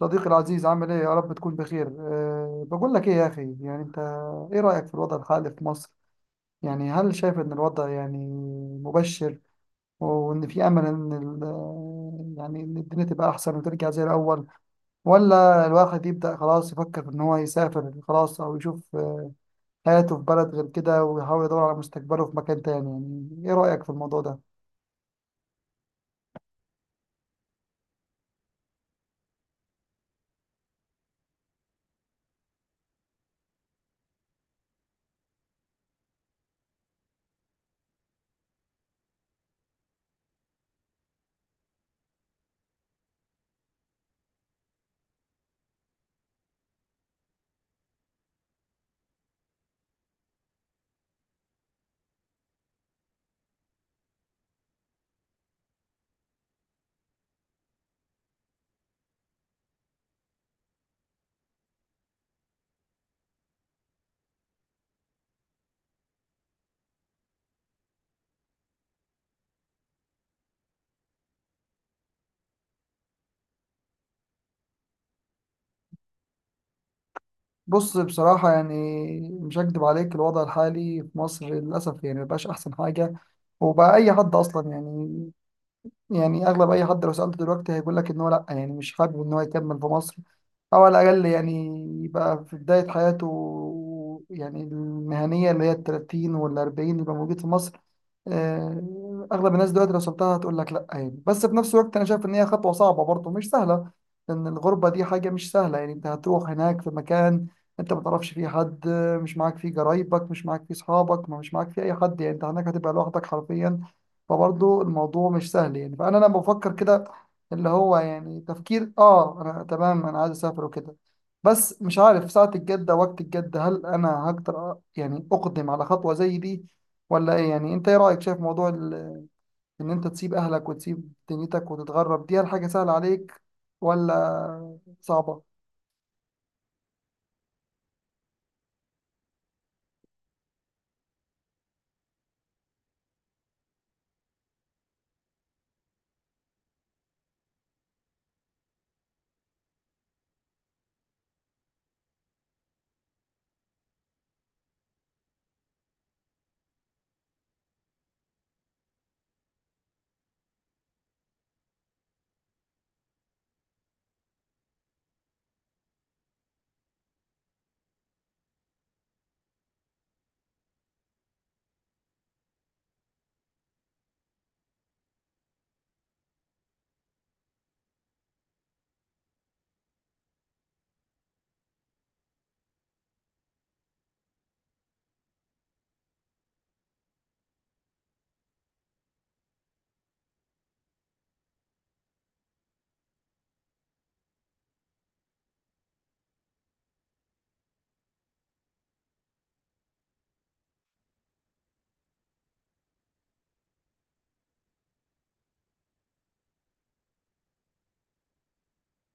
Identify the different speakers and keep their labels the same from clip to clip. Speaker 1: صديقي العزيز، عامل ايه؟ يا رب تكون بخير. بقول لك ايه يا اخي، يعني انت ايه رأيك في الوضع الحالي في مصر؟ يعني هل شايف ان الوضع يعني مبشر، وان في امل ان يعني ان الدنيا تبقى احسن وترجع زي الاول؟ ولا الواحد يبدأ خلاص يفكر في ان هو يسافر خلاص، او يشوف حياته في بلد غير كده ويحاول يدور على مستقبله في مكان تاني؟ يعني ايه رأيك في الموضوع ده؟ بص، بصراحة يعني مش هكدب عليك، الوضع الحالي في مصر للأسف يعني مبقاش أحسن حاجة. وبقى أي حد أصلا يعني، يعني أغلب أي حد لو سألته دلوقتي هيقول لك إن هو لأ، يعني مش حابب إن هو يكمل في مصر. أو على الأقل يعني يبقى في بداية حياته، يعني المهنية اللي هي التلاتين والأربعين، يبقى موجود في مصر. أغلب الناس دلوقتي لو سبتها هتقول لك لأ يعني. بس في نفس الوقت أنا شايف إن هي خطوة صعبة برضه، مش سهلة، لأن الغربة دي حاجة مش سهلة. يعني أنت هتروح هناك في مكان أنت ما تعرفش فيه حد، مش معاك فيه قرايبك، مش معاك فيه أصحابك، مش معاك فيه أي حد. يعني أنت هناك هتبقى لوحدك حرفيا. فبرضه الموضوع مش سهل. يعني فأنا لما بفكر كده، اللي هو يعني تفكير انا تمام، انا عايز اسافر وكده، بس مش عارف ساعة الجدة، وقت الجدة، هل انا هقدر يعني اقدم على خطوة زي دي ولا ايه؟ يعني انت ايه رأيك؟ شايف موضوع ان انت تسيب اهلك وتسيب دنيتك وتتغرب، دي هل حاجة سهلة عليك ولا صعبة؟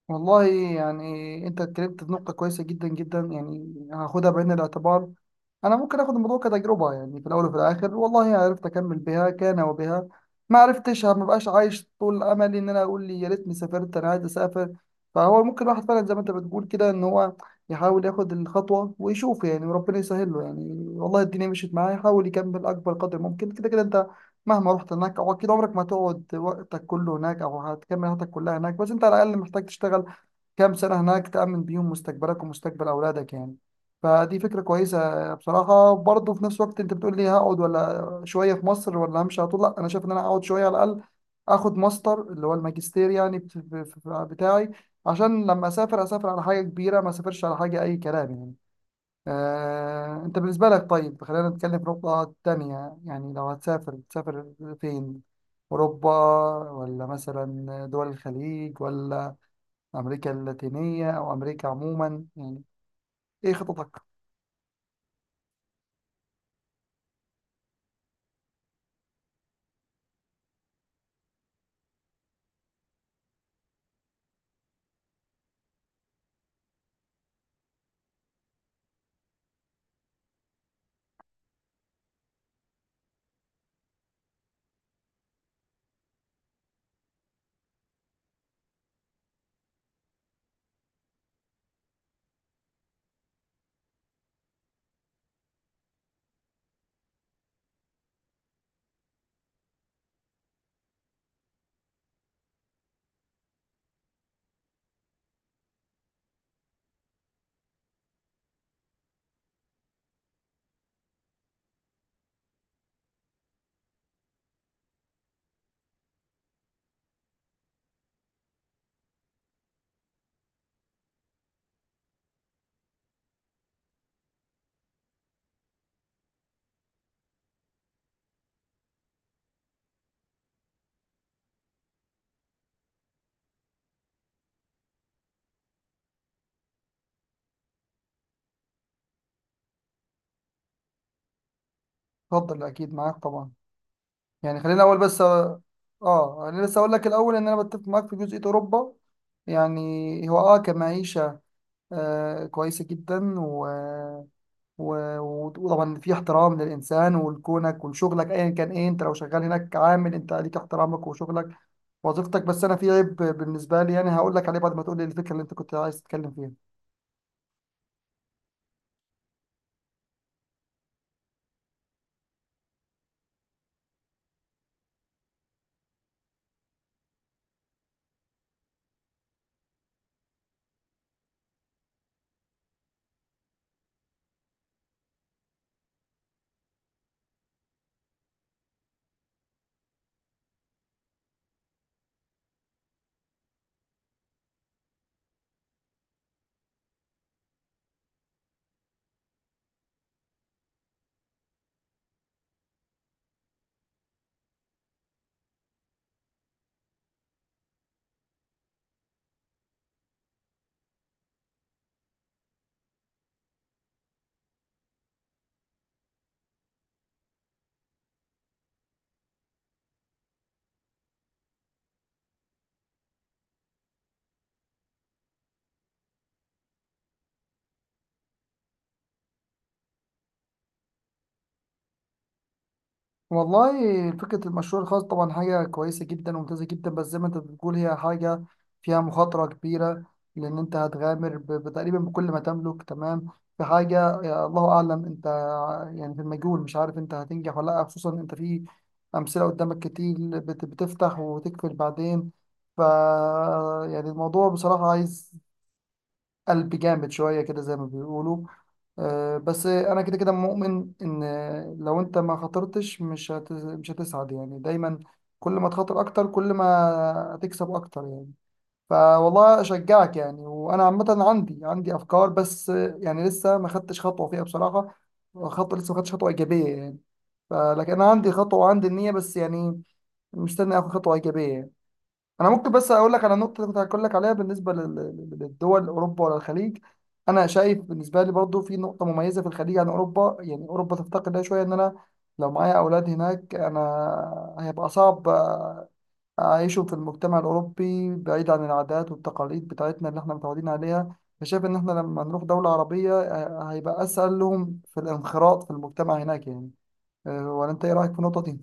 Speaker 1: والله يعني انت اتكلمت في نقطة كويسة جدا جدا، يعني هاخدها بعين الاعتبار. انا ممكن اخد الموضوع كتجربه، يعني في الاول وفي الاخر والله عرفت اكمل بها كان وبها، ما عرفتش، ما بقاش عايش طول املي ان انا اقول لي يا ريتني سافرت، انا عايز اسافر. فهو ممكن الواحد فعلا زي ما انت بتقول كده ان هو يحاول ياخد الخطوه ويشوف، يعني وربنا يسهل له. يعني والله الدنيا مشيت معاه يحاول يكمل اكبر قدر ممكن. كده كده انت مهما رحت هناك، او اكيد عمرك ما هتقعد وقتك كله هناك او هتكمل حياتك كلها هناك، بس انت على الاقل محتاج تشتغل كام سنة هناك تأمن بيهم مستقبلك ومستقبل أولادك يعني. فدي فكرة كويسة بصراحة. برضه في نفس الوقت أنت بتقول لي هقعد ولا شوية في مصر ولا همشي على طول، لا أنا شايف إن أنا أقعد شوية على الأقل، آخد ماستر اللي هو الماجستير يعني بتاعي، عشان لما أسافر أسافر على حاجة كبيرة، ما أسافرش على حاجة أي كلام يعني. أنت بالنسبة لك، طيب خلينا نتكلم في نقطة تانية. يعني لو هتسافر تسافر فين؟ أوروبا، ولا مثلا دول الخليج، ولا أمريكا اللاتينية أو أمريكا عموما؟ يعني إيه خططك؟ اتفضل، أكيد معاك طبعا، يعني خلينا الأول بس. أنا لسه أقول لك الأول إن أنا بتفق معاك في جزئية أوروبا. يعني هو كمعيشة كويسة جدا، و... وطبعا في احترام للإنسان ولكونك ولشغلك أيا كان إيه، أنت لو شغال هناك عامل، أنت ليك احترامك وشغلك وظيفتك بس أنا في عيب بالنسبة لي، يعني هقول لك عليه بعد ما تقول لي الفكرة اللي أنت كنت عايز تتكلم فيها. والله فكرة المشروع الخاص طبعا حاجة كويسة جدا وممتازة جدا، بس زي ما انت بتقول هي حاجة فيها مخاطرة كبيرة، لأن انت هتغامر بتقريبا بكل ما تملك، تمام، في حاجة يا الله أعلم، انت يعني في المجهول مش عارف انت هتنجح ولا لأ، خصوصا انت في أمثلة قدامك كتير بتفتح وتقفل بعدين. ف يعني الموضوع بصراحة عايز قلب جامد شوية كده، زي ما بيقولوا. بس انا كده كده مؤمن ان لو انت ما خاطرتش مش مش هتسعد يعني. دايما كل ما تخاطر اكتر، كل ما هتكسب اكتر يعني. فوالله اشجعك يعني، وانا عامه عندي افكار، بس يعني لسه ما خدتش خطوه فيها بصراحه. لسه ما خدتش خطوه ايجابيه يعني. فلكن انا عندي خطوه وعندي النيه، بس يعني مستني اخد خطوه ايجابيه يعني. انا ممكن بس اقول لك على النقطه اللي كنت هقول لك عليها بالنسبه للدول، اوروبا ولا الخليج. انا شايف بالنسبه لي برضو في نقطه مميزه في الخليج عن اوروبا، يعني اوروبا تفتقد لها شويه، ان انا لو معايا اولاد هناك انا هيبقى صعب اعيشهم في المجتمع الاوروبي بعيد عن العادات والتقاليد بتاعتنا اللي احنا متعودين عليها. فشايف ان احنا لما نروح دوله عربيه هيبقى اسهل لهم في الانخراط في المجتمع هناك يعني. ولا انت ايه رايك في النقطه دي؟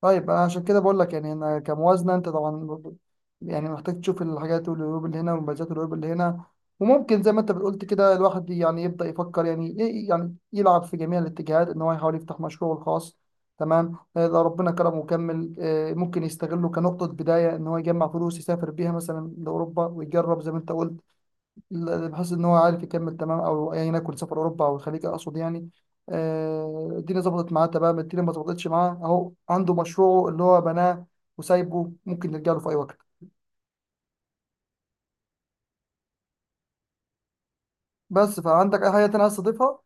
Speaker 1: طيب أنا عشان كده بقول لك، يعني انا كموازنه انت طبعا يعني محتاج تشوف الحاجات والعيوب اللي هنا والمميزات والعيوب اللي هنا. وممكن زي ما انت بتقولت كده الواحد يعني يبدا يفكر، يعني يعني يلعب في جميع الاتجاهات ان هو يحاول يفتح مشروعه الخاص، تمام. لو ربنا كرمه وكمل، ممكن يستغله كنقطه بدايه، ان هو يجمع فلوس يسافر بيها مثلا لاوروبا ويجرب زي ما انت قلت، بحيث ان هو عارف يكمل تمام. او ايا يكن سفر اوروبا او الخليج اقصد يعني، الدنيا ظبطت معاه تمام، الدنيا ما ظبطتش معاه اهو عنده مشروعه اللي هو بناه وسايبه، ممكن نرجع له في اي وقت. بس فعندك اي حاجه تانية عايز تضيفها؟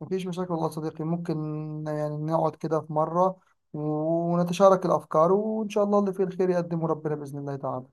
Speaker 1: مفيش مشاكل والله يا صديقي، ممكن يعني نقعد كده في مره ونتشارك الافكار، وان شاء الله اللي فيه الخير يقدمه ربنا باذن الله تعالى.